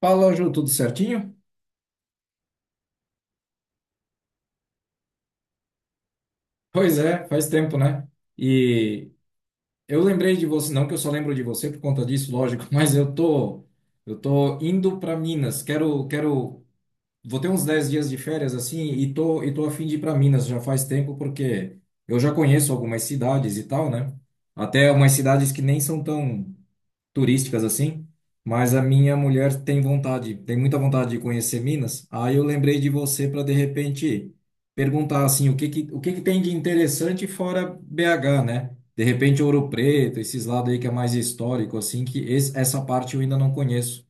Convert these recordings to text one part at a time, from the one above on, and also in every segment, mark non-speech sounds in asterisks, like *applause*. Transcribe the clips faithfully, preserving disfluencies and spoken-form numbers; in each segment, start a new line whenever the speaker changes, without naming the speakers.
Fala, Ju, tudo certinho? Pois é, faz tempo, né? E eu lembrei de você, não que eu só lembro de você por conta disso, lógico, *laughs* mas eu tô eu tô indo para Minas. Quero quero vou ter uns dez dias de férias assim e tô e tô a fim de ir para Minas já faz tempo porque eu já conheço algumas cidades e tal, né? Até algumas cidades que nem são tão turísticas assim, mas a minha mulher tem vontade, tem muita vontade de conhecer Minas. Aí eu lembrei de você para de repente perguntar assim, o que que, o que que tem de interessante fora B H, né? De repente Ouro Preto, esses lados aí que é mais histórico assim, que esse, essa parte eu ainda não conheço.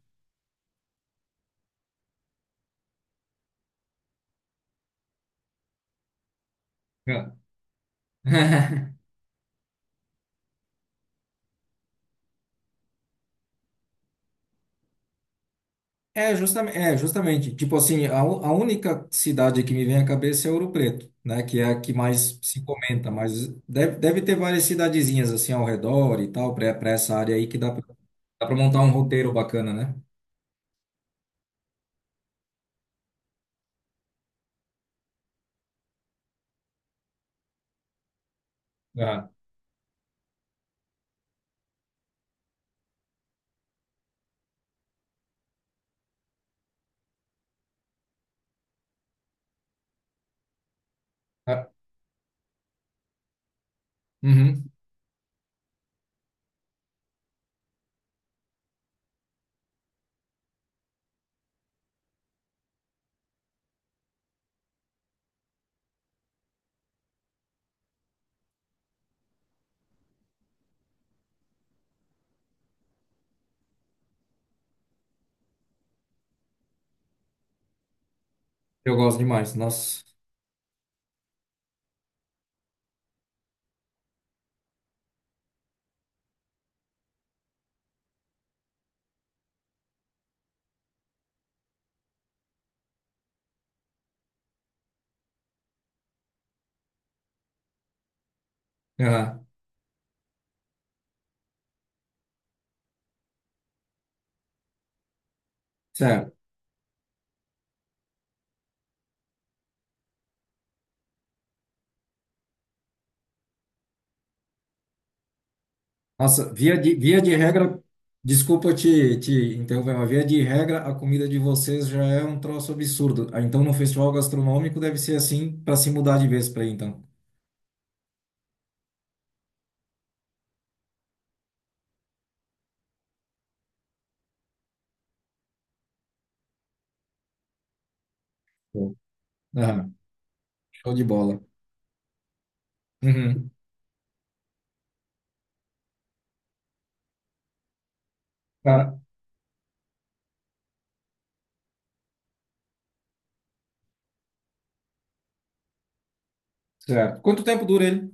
É. *laughs* É, justamente, é, justamente. Tipo assim, a, u- a única cidade que me vem à cabeça é Ouro Preto, né? Que é a que mais se comenta, mas deve, deve ter várias cidadezinhas assim ao redor e tal, para essa área aí que dá pra, dá para montar um roteiro bacana, né? Aham. Ah, uhum. Eu gosto demais, nossa. Aham. Sério. Nossa, via de, via de regra, desculpa te, te interromper, mas via de regra, a comida de vocês já é um troço absurdo. Ah, então, no festival gastronômico deve ser assim para se mudar de vez para aí, então. Aham. Show de bola. Uhum. Tá, certo. Quanto tempo dura ele?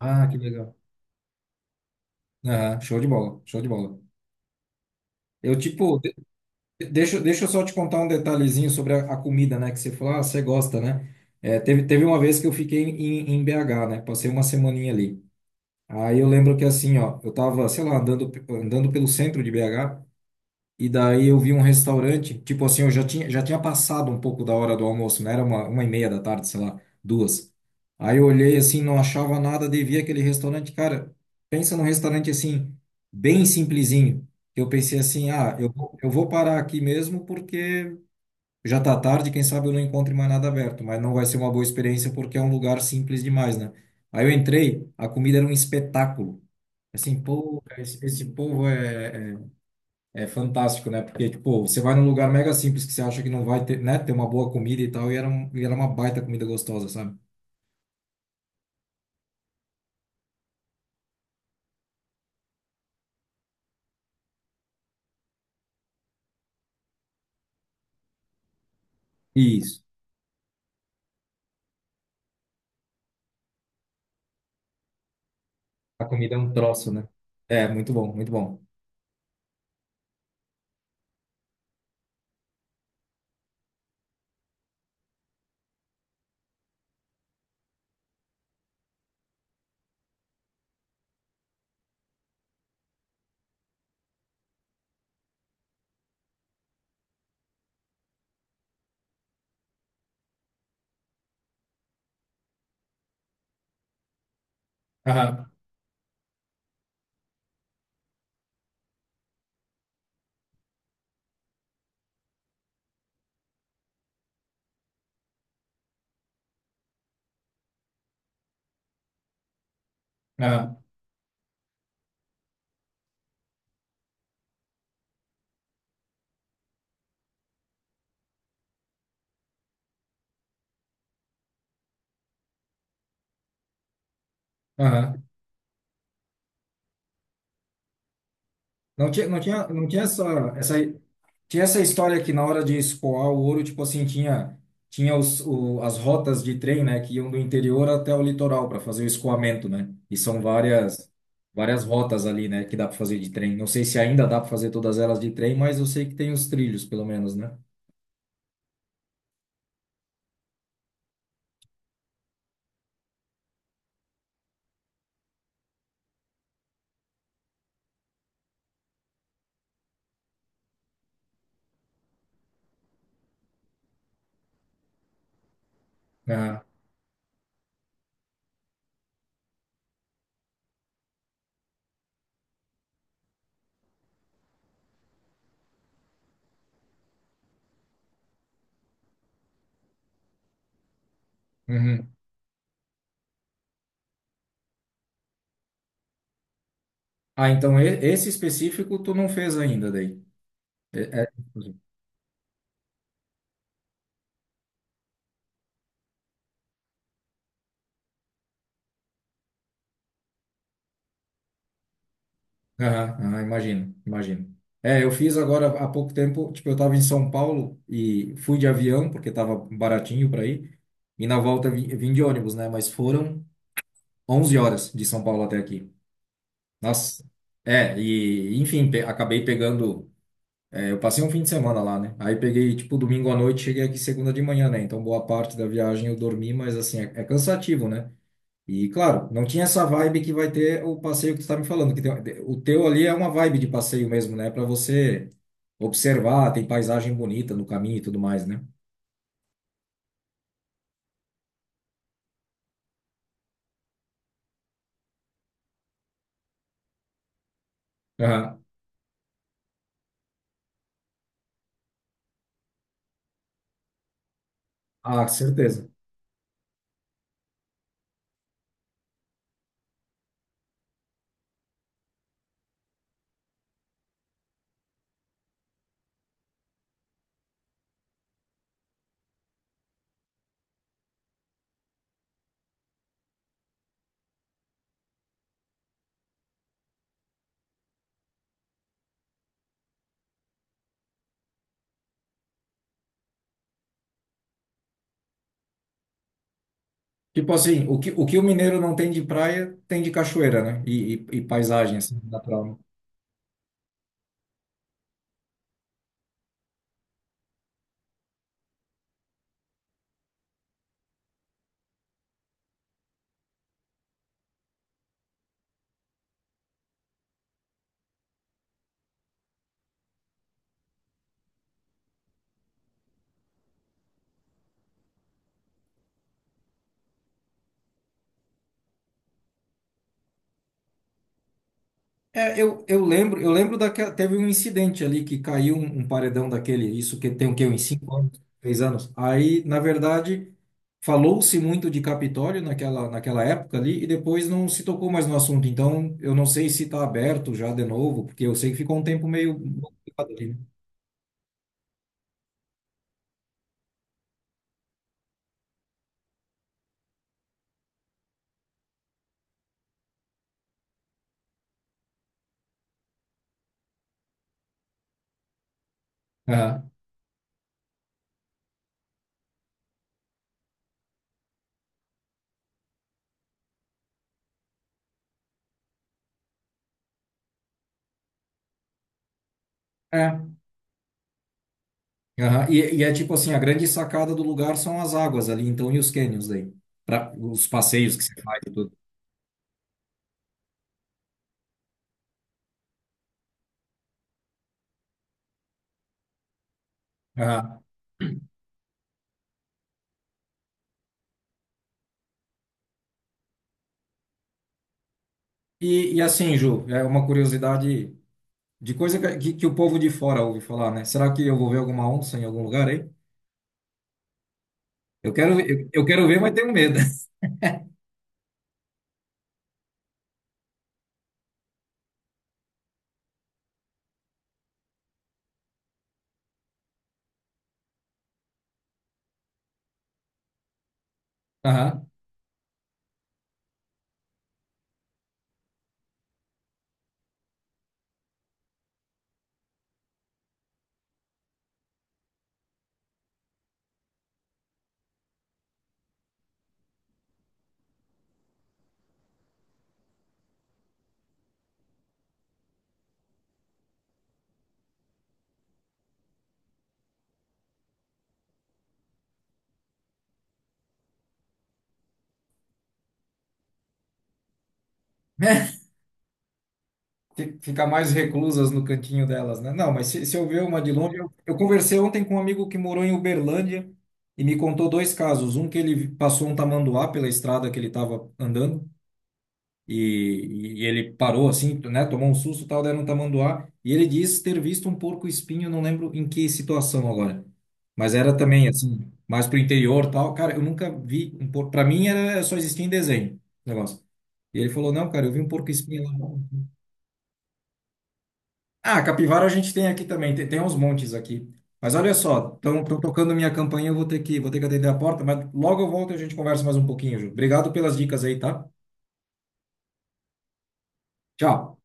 Ah, que legal. Aham. Show de bola, show de bola. Eu, tipo, de- deixa, deixa eu só te contar um detalhezinho sobre a, a comida, né? Que você falou, ah, você gosta, né? É, teve, teve uma vez que eu fiquei em, em B H, né? Passei uma semaninha ali. Aí eu lembro que assim, ó, eu tava, sei lá, andando, andando pelo centro de B H. E daí eu vi um restaurante, tipo assim, eu já tinha, já tinha passado um pouco da hora do almoço, né? Era uma, uma e meia da tarde, sei lá, duas. Aí eu olhei assim, não achava nada, devia aquele restaurante, cara, pensa num restaurante assim, bem simplesinho. Eu pensei assim, ah, eu, vou- eu vou parar aqui mesmo porque já tá tarde, quem sabe eu não encontre mais nada aberto, mas não vai ser uma boa experiência porque é um lugar simples demais, né? Aí eu entrei, a comida era um espetáculo. Assim, pô, esse, esse povo é, é é fantástico, né? Porque, tipo, você vai num lugar mega simples que você acha que não vai ter, né? Ter uma boa comida e tal, e era, um, e era uma baita comida gostosa, sabe? Isso. A comida é um troço, né? É, muito bom, muito bom. Aham, aham, aham. Não tinha, não tinha, não tinha essa, essa. Tinha essa história que na hora de escoar o ouro, tipo assim, tinha, tinha os, o, as rotas de trem, né, que iam do interior até o litoral para fazer o escoamento, né? E são várias, várias rotas ali, né, que dá para fazer de trem. Não sei se ainda dá para fazer todas elas de trem, mas eu sei que tem os trilhos, pelo menos, né? Ah, uhum. Ah, então e- esse específico tu não fez ainda daí. É, é... Aham, aham, imagino, imagino. É, eu fiz agora há pouco tempo, tipo, eu tava em São Paulo e fui de avião, porque tava baratinho para ir, e na volta vim, vim de ônibus, né? Mas foram onze horas de São Paulo até aqui. Nossa. É, e enfim, pe acabei pegando. É, eu passei um fim de semana lá, né? Aí peguei, tipo, domingo à noite, cheguei aqui segunda de manhã, né? Então boa parte da viagem eu dormi, mas assim, é, é cansativo, né? E, claro, não tinha essa vibe que vai ter o passeio que tu tá me falando, que tem- o teu ali é uma vibe de passeio mesmo, né? Para você observar, tem paisagem bonita no caminho e tudo mais, né? Aham. Ah, certeza. Tipo assim, o que, o que o mineiro não tem de praia, tem de cachoeira, né? E, e, e paisagem, assim, natural, né? É, eu, eu lembro, eu lembro daquela, teve um incidente ali que caiu um, um paredão daquele, isso que tem o quê? Uns cinco anos, seis anos. Aí, na verdade, falou-se muito de Capitólio naquela, naquela época ali e depois não se tocou mais no assunto. Então, eu não sei se está aberto já de novo, porque eu sei que ficou um tempo meio bloqueado ali, né? Aham. É. Aham. E, e é tipo assim, a grande sacada do lugar são as águas ali, então, e os cânions aí para os passeios que se faz e tudo. Aham. E, e assim, Ju, é uma curiosidade de coisa que, que que o povo de fora ouve falar, né? Será que eu vou ver alguma onça em algum lugar aí? Eu quero, ver- eu, eu quero ver, mas tenho medo. *laughs* Aham. Né? Fi- Ficar mais reclusas no cantinho delas, né? Não, mas se, se eu ver uma de longe, eu, eu conversei ontem com um amigo que morou em Uberlândia e me contou dois casos. Um que ele passou um tamanduá pela estrada que ele estava andando. E, e ele parou assim, né? Tomou um susto, e tal, deram um tamanduá. E ele diz ter visto um porco-espinho, não lembro em que situação agora. Mas era também assim, mais pro interior, tal. Cara, eu nunca vi um porco. Para mim era só existia em desenho, esse negócio. E ele falou: "Não, cara, eu vi um porco-espinho lá". Ah, capivara a gente tem aqui também, tem, tem uns montes aqui. Mas olha só, estão tocando minha campainha, eu vou ter que, vou ter que atender a porta, mas logo eu volto e a gente conversa mais um pouquinho, Ju. Obrigado pelas dicas aí, tá? Tchau.